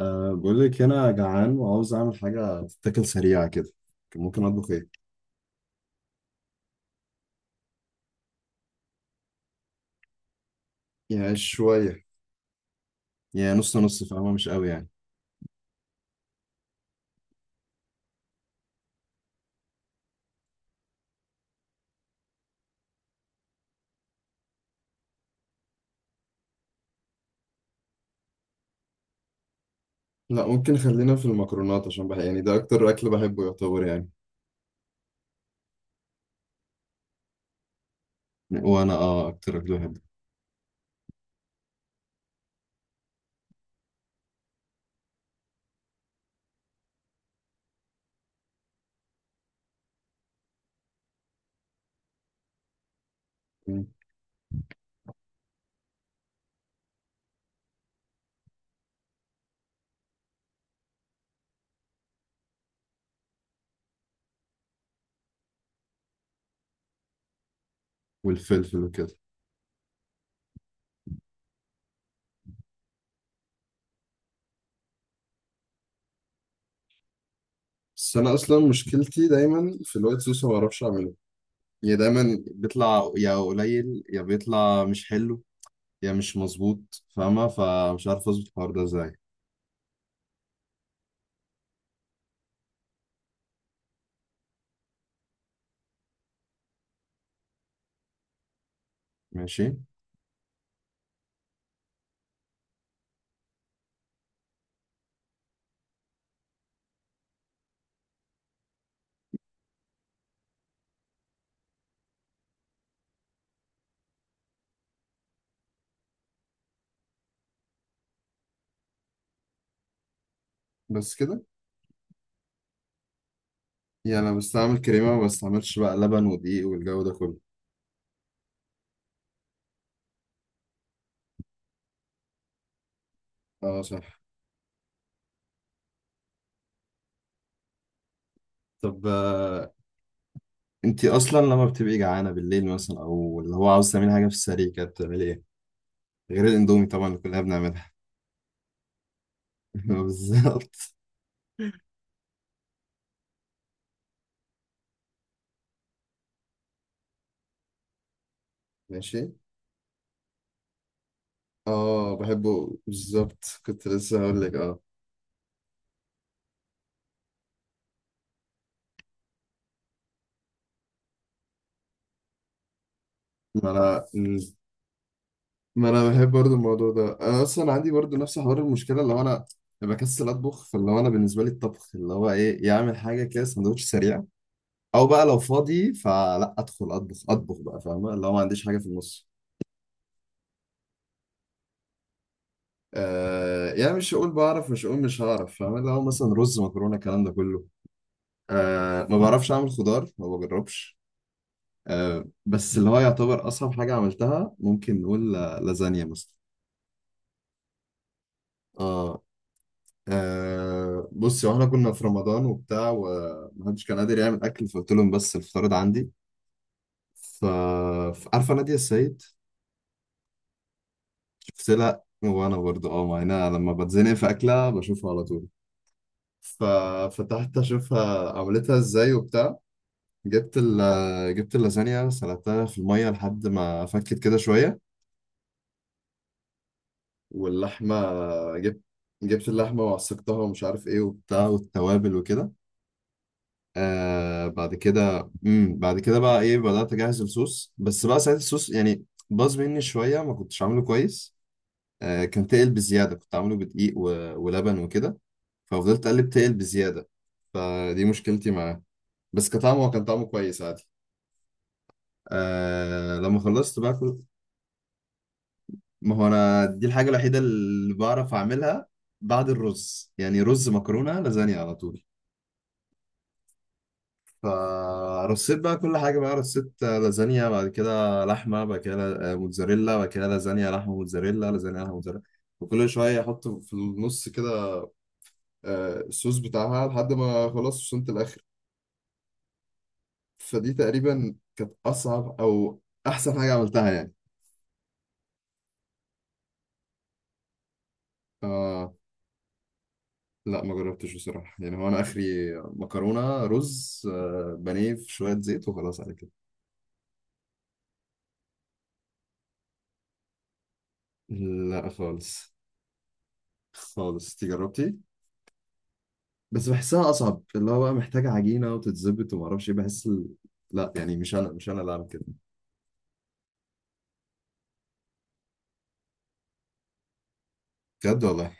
أه بقول لك أنا جعان وعاوز أعمل حاجة تتاكل سريعة كده. ممكن أطبخ إيه؟ يعني شوية، يعني نص نص، فاهمة؟ مش قوي يعني. لا، ممكن خلينا في المكرونات عشان يعني ده أكتر أكل بحبه يعتبر يعني. وأنا أكتر أكل بحبه. مم. والفلفل وكده. بس أنا أصلا مشكلتي دايما في الوايت صوص، ما بعرفش أعمله. يعني دايما بيطلع يا قليل، يا بيطلع مش حلو، يا مش مظبوط، فاهمة؟ فمش عارف أظبط الحوار ده إزاي. ماشي. بس كده يعني انا بستعمل كريمه، ما بستعملش بقى لبن ودقيق والجو ده كله. اه صح. طب انتي اصلا لما بتبقي جعانه بالليل مثلا او اللي هو عاوز تعملي حاجه في السريع كده، بتعملي ايه غير الاندومي طبعا اللي كلنا بنعملها؟ بالظبط. ماشي. اه بحبه بالظبط، كنت لسه هقول لك. اه. ما انا ما انا بحب برضو الموضوع ده. انا اصلا عندي برضو نفس حوار المشكله، اللي هو انا بكسل اطبخ. فاللي هو انا بالنسبه لي الطبخ اللي هو ايه، يعمل حاجه كده سندوتش سريع. او بقى لو فاضي فلا ادخل اطبخ بقى، فاهمه؟ اللي هو ما عنديش حاجه في النص. آه يعني مش هقول بعرف، مش هقول مش هعرف، فاهمه اللي هو مثلا رز مكرونه الكلام ده كله. آه ما بعرفش اعمل خضار، ما بجربش. آه بس اللي هو يعتبر اصعب حاجه عملتها ممكن نقول لازانيا مثلا. اه. آه بصي، واحنا كنا في رمضان وبتاع، ومحدش كان قادر يعمل اكل، فقلت لهم بس الفطار ده عندي. ف عارفه نادية السيد؟ سلق، وانا برضو اه مع انها لما بتزنق في اكلها بشوفها على طول. ففتحت اشوفها عملتها ازاي وبتاع. جبت ال جبت اللازانيا، سلقتها في الميه لحد ما فكت كده شويه. واللحمه جبت جبت اللحمه وعصقتها ومش عارف ايه وبتاع، والتوابل وكده. آه بعد كده، بعد كده بقى ايه، بدات اجهز الصوص، بس بقى ساعتها الصوص يعني باظ مني شويه، ما كنتش عامله كويس. آه كان تقل بزياده، كنت عامله بدقيق ولبن وكده، ففضلت اقلب، تقل بزياده. فدي مشكلتي معاه. بس كطعم هو كان طعمه كويس عادي. آه لما خلصت بقى ما هو انا دي الحاجه الوحيده اللي بعرف اعملها. بعد الرز، يعني رز مكرونه لازانيا على طول. فرصيت بقى كل حاجه، بقى رصيت لازانيا، بعد كده لحمه، بعد كده موتزاريلا، بعد كده لازانيا لحمه موتزاريلا لازانيا لحمه موتزاريلا. وكل شويه احط في النص كده الصوص بتاعها، لحد ما خلاص وصلت الاخر. فدي تقريبا كانت اصعب او احسن حاجه عملتها يعني. آه لا ما جربتش بصراحه. يعني هو انا اخري مكرونه رز آه بانيه في شويه زيت وخلاص على كده. لا خالص. خالص دي جربتي. بس بحسها اصعب، اللي هو بقى محتاجه عجينه وتتظبط، وما اعرفش ايه، لا يعني مش انا اللي اعمل كده. بجد والله؟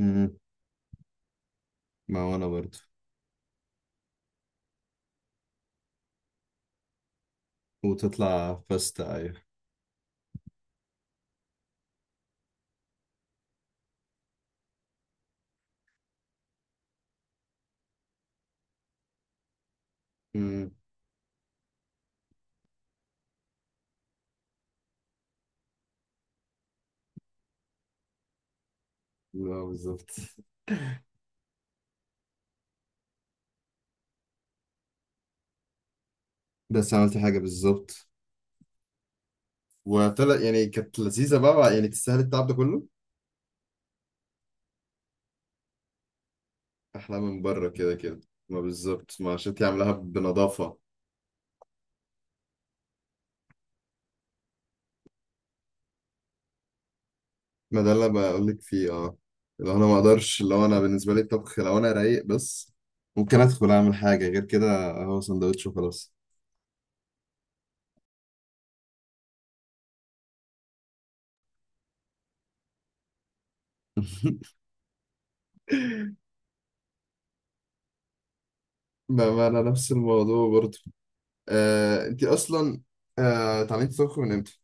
امم. ما هو انا برضه. وتطلع باستا، ايوه. امم. لا بالظبط. بس عملت حاجه بالظبط. وطلع يعني كانت لذيذة بقى يعني، تستاهل التعب ده كله؟ أحلى من بره كده كده. ما بالظبط، ما عشان عاملاها بنظافة. ما ده اللي أنا بقول لك فيه. اه لو أنا ما أقدرش، لو أنا بالنسبة لي الطبخ لو أنا رايق بس ممكن أدخل أعمل حاجة، غير كده هو سندوتش وخلاص. ما أنا نفس الموضوع برضه. آه أنت أصلا آه اتعلمتي تطبخي من إمتى؟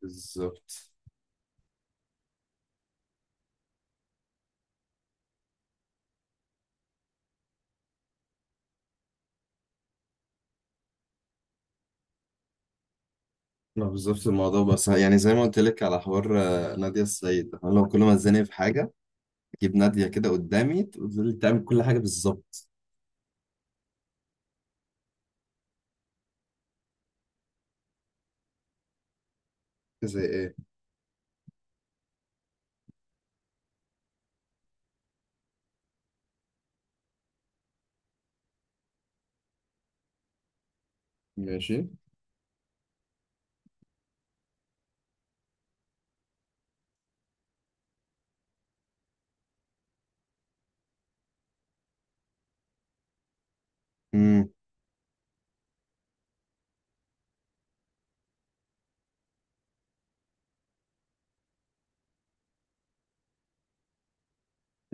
بالظبط. ما بالظبط الموضوع، بس يعني زي ما قلت لك على حوار نادية السيد. أنا لو كل ما اتزنق في حاجة جيب نادية كده قدامي تقول لي تعمل كل حاجة بالظبط. زي ايه؟ ماشي. امم.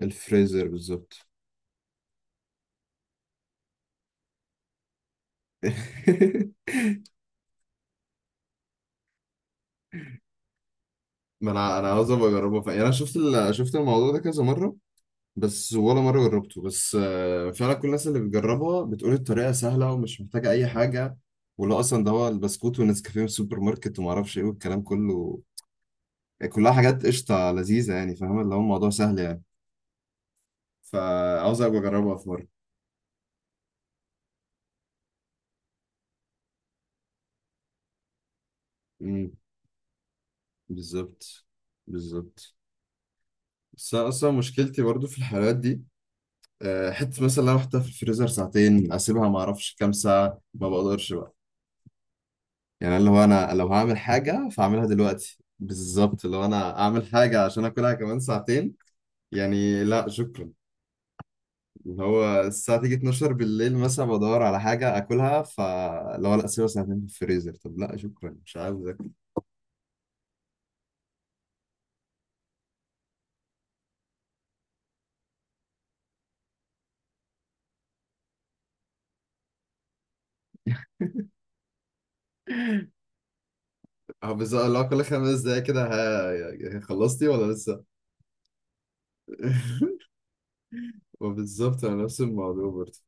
الفريزر بالظبط. ما انا انا عاوز ابقى اجربها فعلا. يعني انا شفت شفت الموضوع ده كذا مره بس ولا مره جربته. بس فعلا كل الناس اللي بتجربها بتقول الطريقه سهله ومش محتاجه اي حاجه، ولا اصلا ده هو البسكوت والنسكافيه من السوبر ماركت وما اعرفش ايه والكلام كله. يعني كلها حاجات قشطه لذيذه يعني، فاهم اللي هو الموضوع سهل يعني. فعاوز ابقى اجربها في مره. بالظبط. بالظبط. بس أنا اصلا مشكلتي برضو في الحلويات دي. حته مثلا لو احطها في الفريزر ساعتين، اسيبها ما اعرفش كام ساعه، ما بقدرش بقى. يعني اللي هو انا لو هعمل حاجه فاعملها دلوقتي بالظبط، لو انا اعمل حاجه عشان اكلها كمان ساعتين يعني لا شكرا. اللي هو الساعه تيجي 12 بالليل مثلا، بدور على حاجه اكلها، فاللي هو لا اسيبها ساعتين في الفريزر؟ طب لا شكرا مش عاوز اكل. اه بالظبط، اللي هو كل 5 دقايق كده، ها يعني خلصتي ولا لسه؟ وبالظبط انا نفس الموضوع برضه.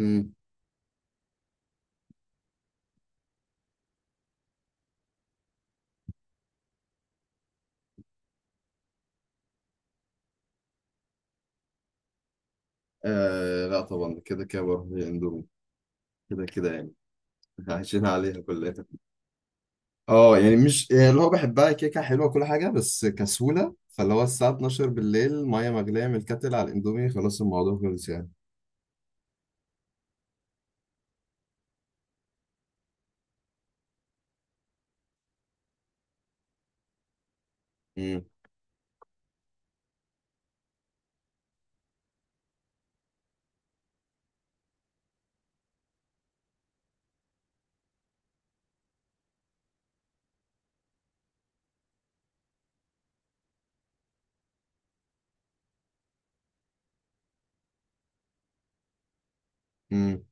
امم. آه لا طبعا كده كده بروح للاندومي، كده كده يعني. عايشين عليها كلنا. اه يعني مش يعني اللي هو بحبها، كيكه حلوه كل حاجه، بس كسوله، فاللي هو الساعه 12 بالليل ميه مغليه من الكاتل على الاندومي، خلاص الموضوع خلص يعني. امم. امم.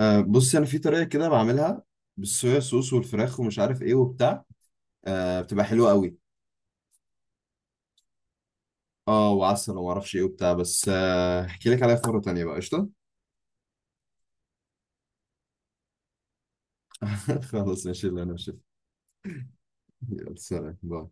آه بصي انا في طريقه كده بعملها، بالصويا صوص والفراخ ومش عارف ايه وبتاع، آه بتبقى حلوه قوي. اه وعسل وما اعرفش ايه وبتاع، بس احكي لك عليها في مره تانيه بقى قشطه. خلاص ماشي، اللي انا يلا سلام باي.